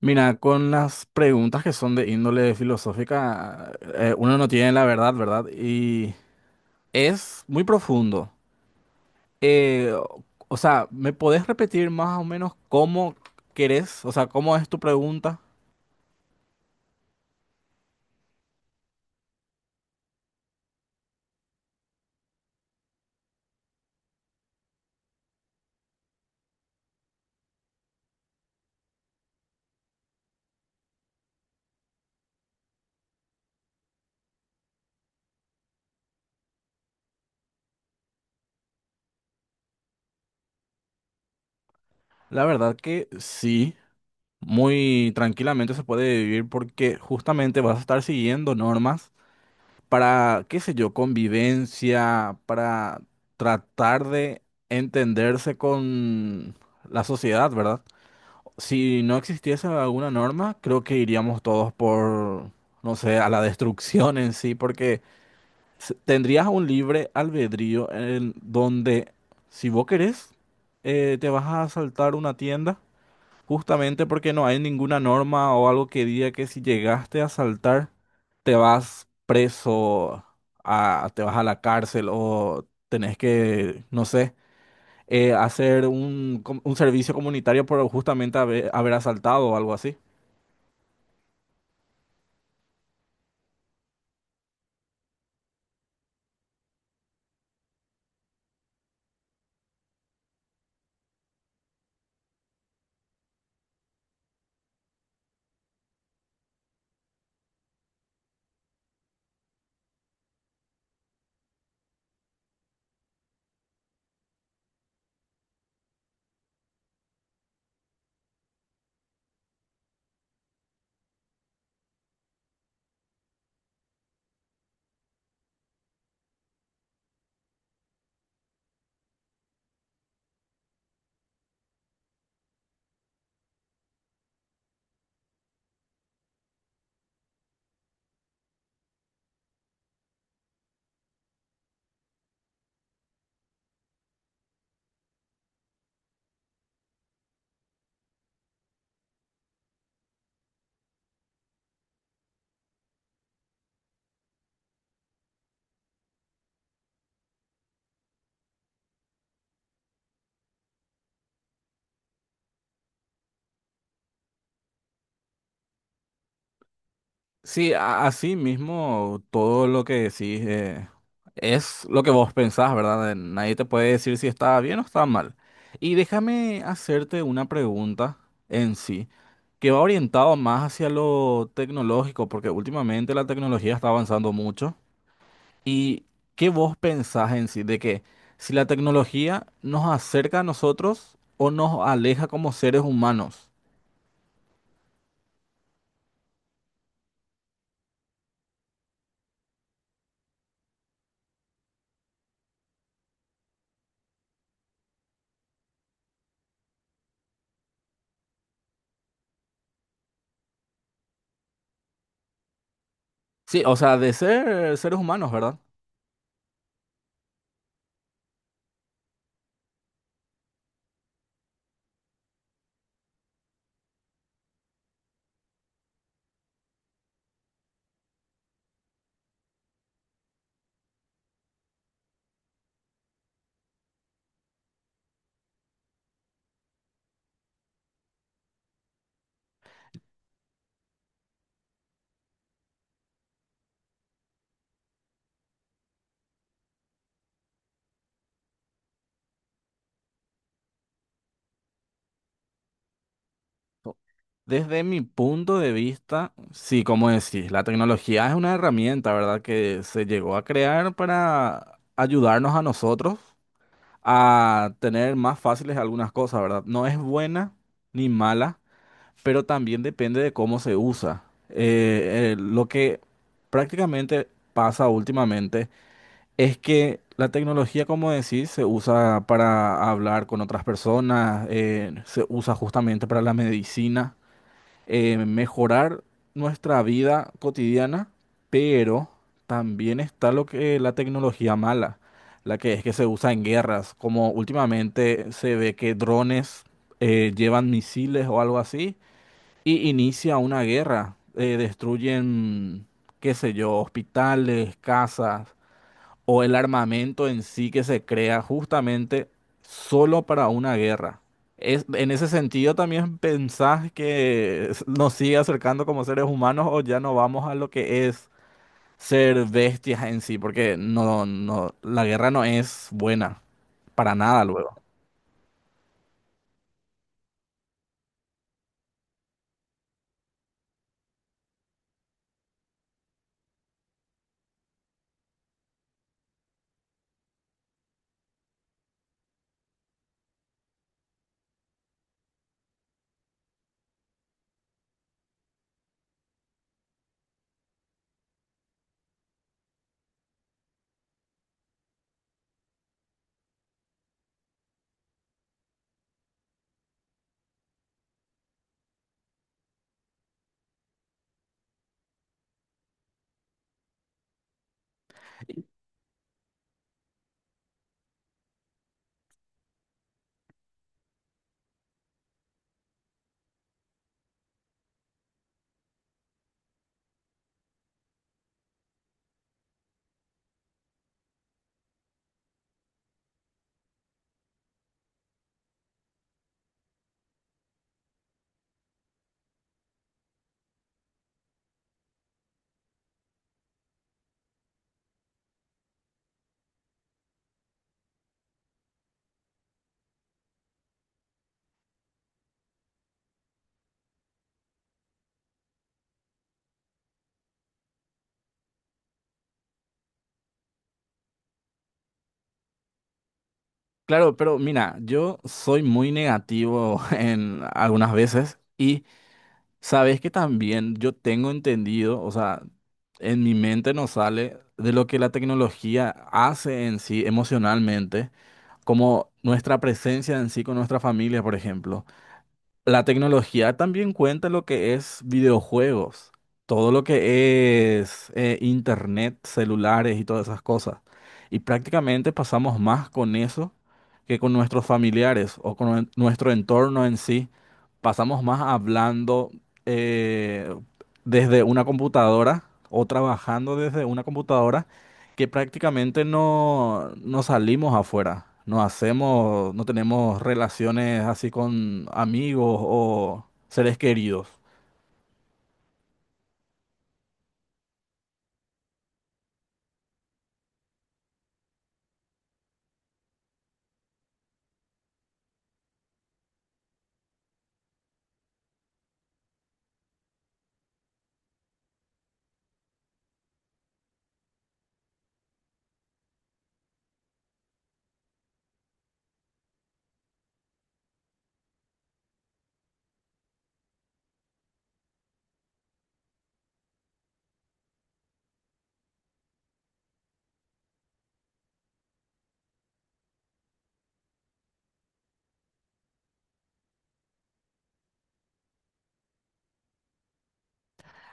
Mira, con las preguntas que son de índole filosófica, uno no tiene la verdad, ¿verdad? Y es muy profundo. O sea, ¿me podés repetir más o menos cómo querés? O sea, ¿cómo es tu pregunta? La verdad que sí, muy tranquilamente se puede vivir porque justamente vas a estar siguiendo normas para, qué sé yo, convivencia, para tratar de entenderse con la sociedad, ¿verdad? Si no existiese alguna norma, creo que iríamos todos por, no sé, a la destrucción en sí, porque tendrías un libre albedrío en donde, si vos querés, te vas a asaltar una tienda, justamente porque no hay ninguna norma o algo que diga que si llegaste a asaltar, te vas preso, a, te vas a la cárcel o tenés que, no sé hacer un, un servicio comunitario por justamente haber asaltado o algo así. Sí, así mismo todo lo que decís es lo que vos pensás, ¿verdad? Nadie te puede decir si está bien o está mal. Y déjame hacerte una pregunta en sí, que va orientado más hacia lo tecnológico, porque últimamente la tecnología está avanzando mucho. ¿Y qué vos pensás en sí de que si la tecnología nos acerca a nosotros o nos aleja como seres humanos? Sí, o sea, de ser seres humanos, ¿verdad? Desde mi punto de vista, sí, como decís, la tecnología es una herramienta, ¿verdad? Que se llegó a crear para ayudarnos a nosotros a tener más fáciles algunas cosas, ¿verdad? No es buena ni mala, pero también depende de cómo se usa. Lo que prácticamente pasa últimamente es que la tecnología, como decís, se usa para hablar con otras personas, se usa justamente para la medicina, mejorar nuestra vida cotidiana, pero también está lo que la tecnología mala, la que es que se usa en guerras, como últimamente se ve que drones llevan misiles o algo así y inicia una guerra. Destruyen, qué sé yo, hospitales, casas o el armamento en sí que se crea justamente solo para una guerra. Es, en ese sentido, ¿también pensás que nos sigue acercando como seres humanos o ya no vamos a lo que es ser bestias en sí? Porque no, no, la guerra no es buena para nada luego. Claro, pero mira, yo soy muy negativo en algunas veces y sabes que también yo tengo entendido, o sea, en mi mente nos sale de lo que la tecnología hace en sí emocionalmente, como nuestra presencia en sí con nuestra familia, por ejemplo. La tecnología también cuenta lo que es videojuegos, todo lo que es internet, celulares y todas esas cosas. Y prácticamente pasamos más con eso que con nuestros familiares o con nuestro entorno en sí. Pasamos más hablando eh, desde una computadora o trabajando desde una computadora que prácticamente no, no salimos afuera, no hacemos, no tenemos relaciones así con amigos o seres queridos.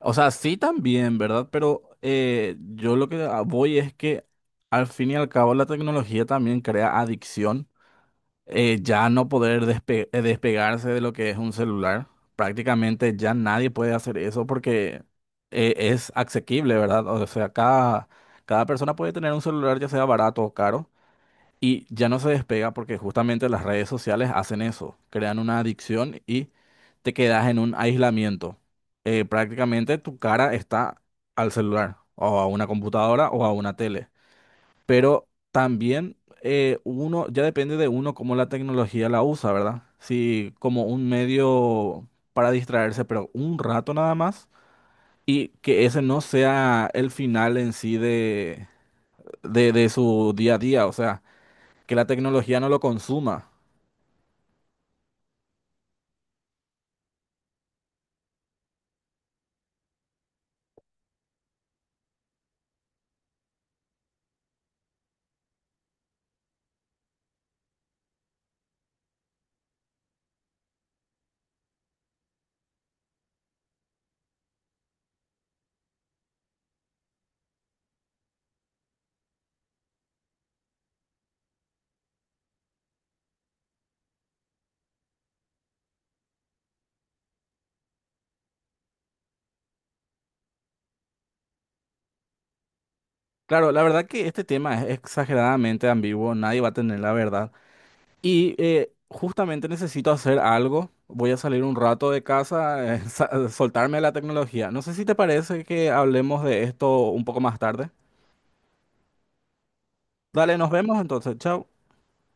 O sea, sí también, ¿verdad? Pero yo lo que voy es que al fin y al cabo la tecnología también crea adicción. Ya no poder despegarse de lo que es un celular. Prácticamente ya nadie puede hacer eso porque es asequible, ¿verdad? O sea, cada persona puede tener un celular ya sea barato o caro. Y ya no se despega porque justamente las redes sociales hacen eso, crean una adicción y te quedas en un aislamiento. Prácticamente tu cara está al celular o a una computadora o a una tele. Pero también uno, ya depende de uno cómo la tecnología la usa, ¿verdad? Si como un medio para distraerse, pero un rato nada más y que ese no sea el final en sí de, de su día a día, o sea que la tecnología no lo consuma. Claro, la verdad que este tema es exageradamente ambiguo, nadie va a tener la verdad. Y justamente necesito hacer algo, voy a salir un rato de casa, soltarme a la tecnología. No sé si te parece que hablemos de esto un poco más tarde. Dale, nos vemos entonces, chao.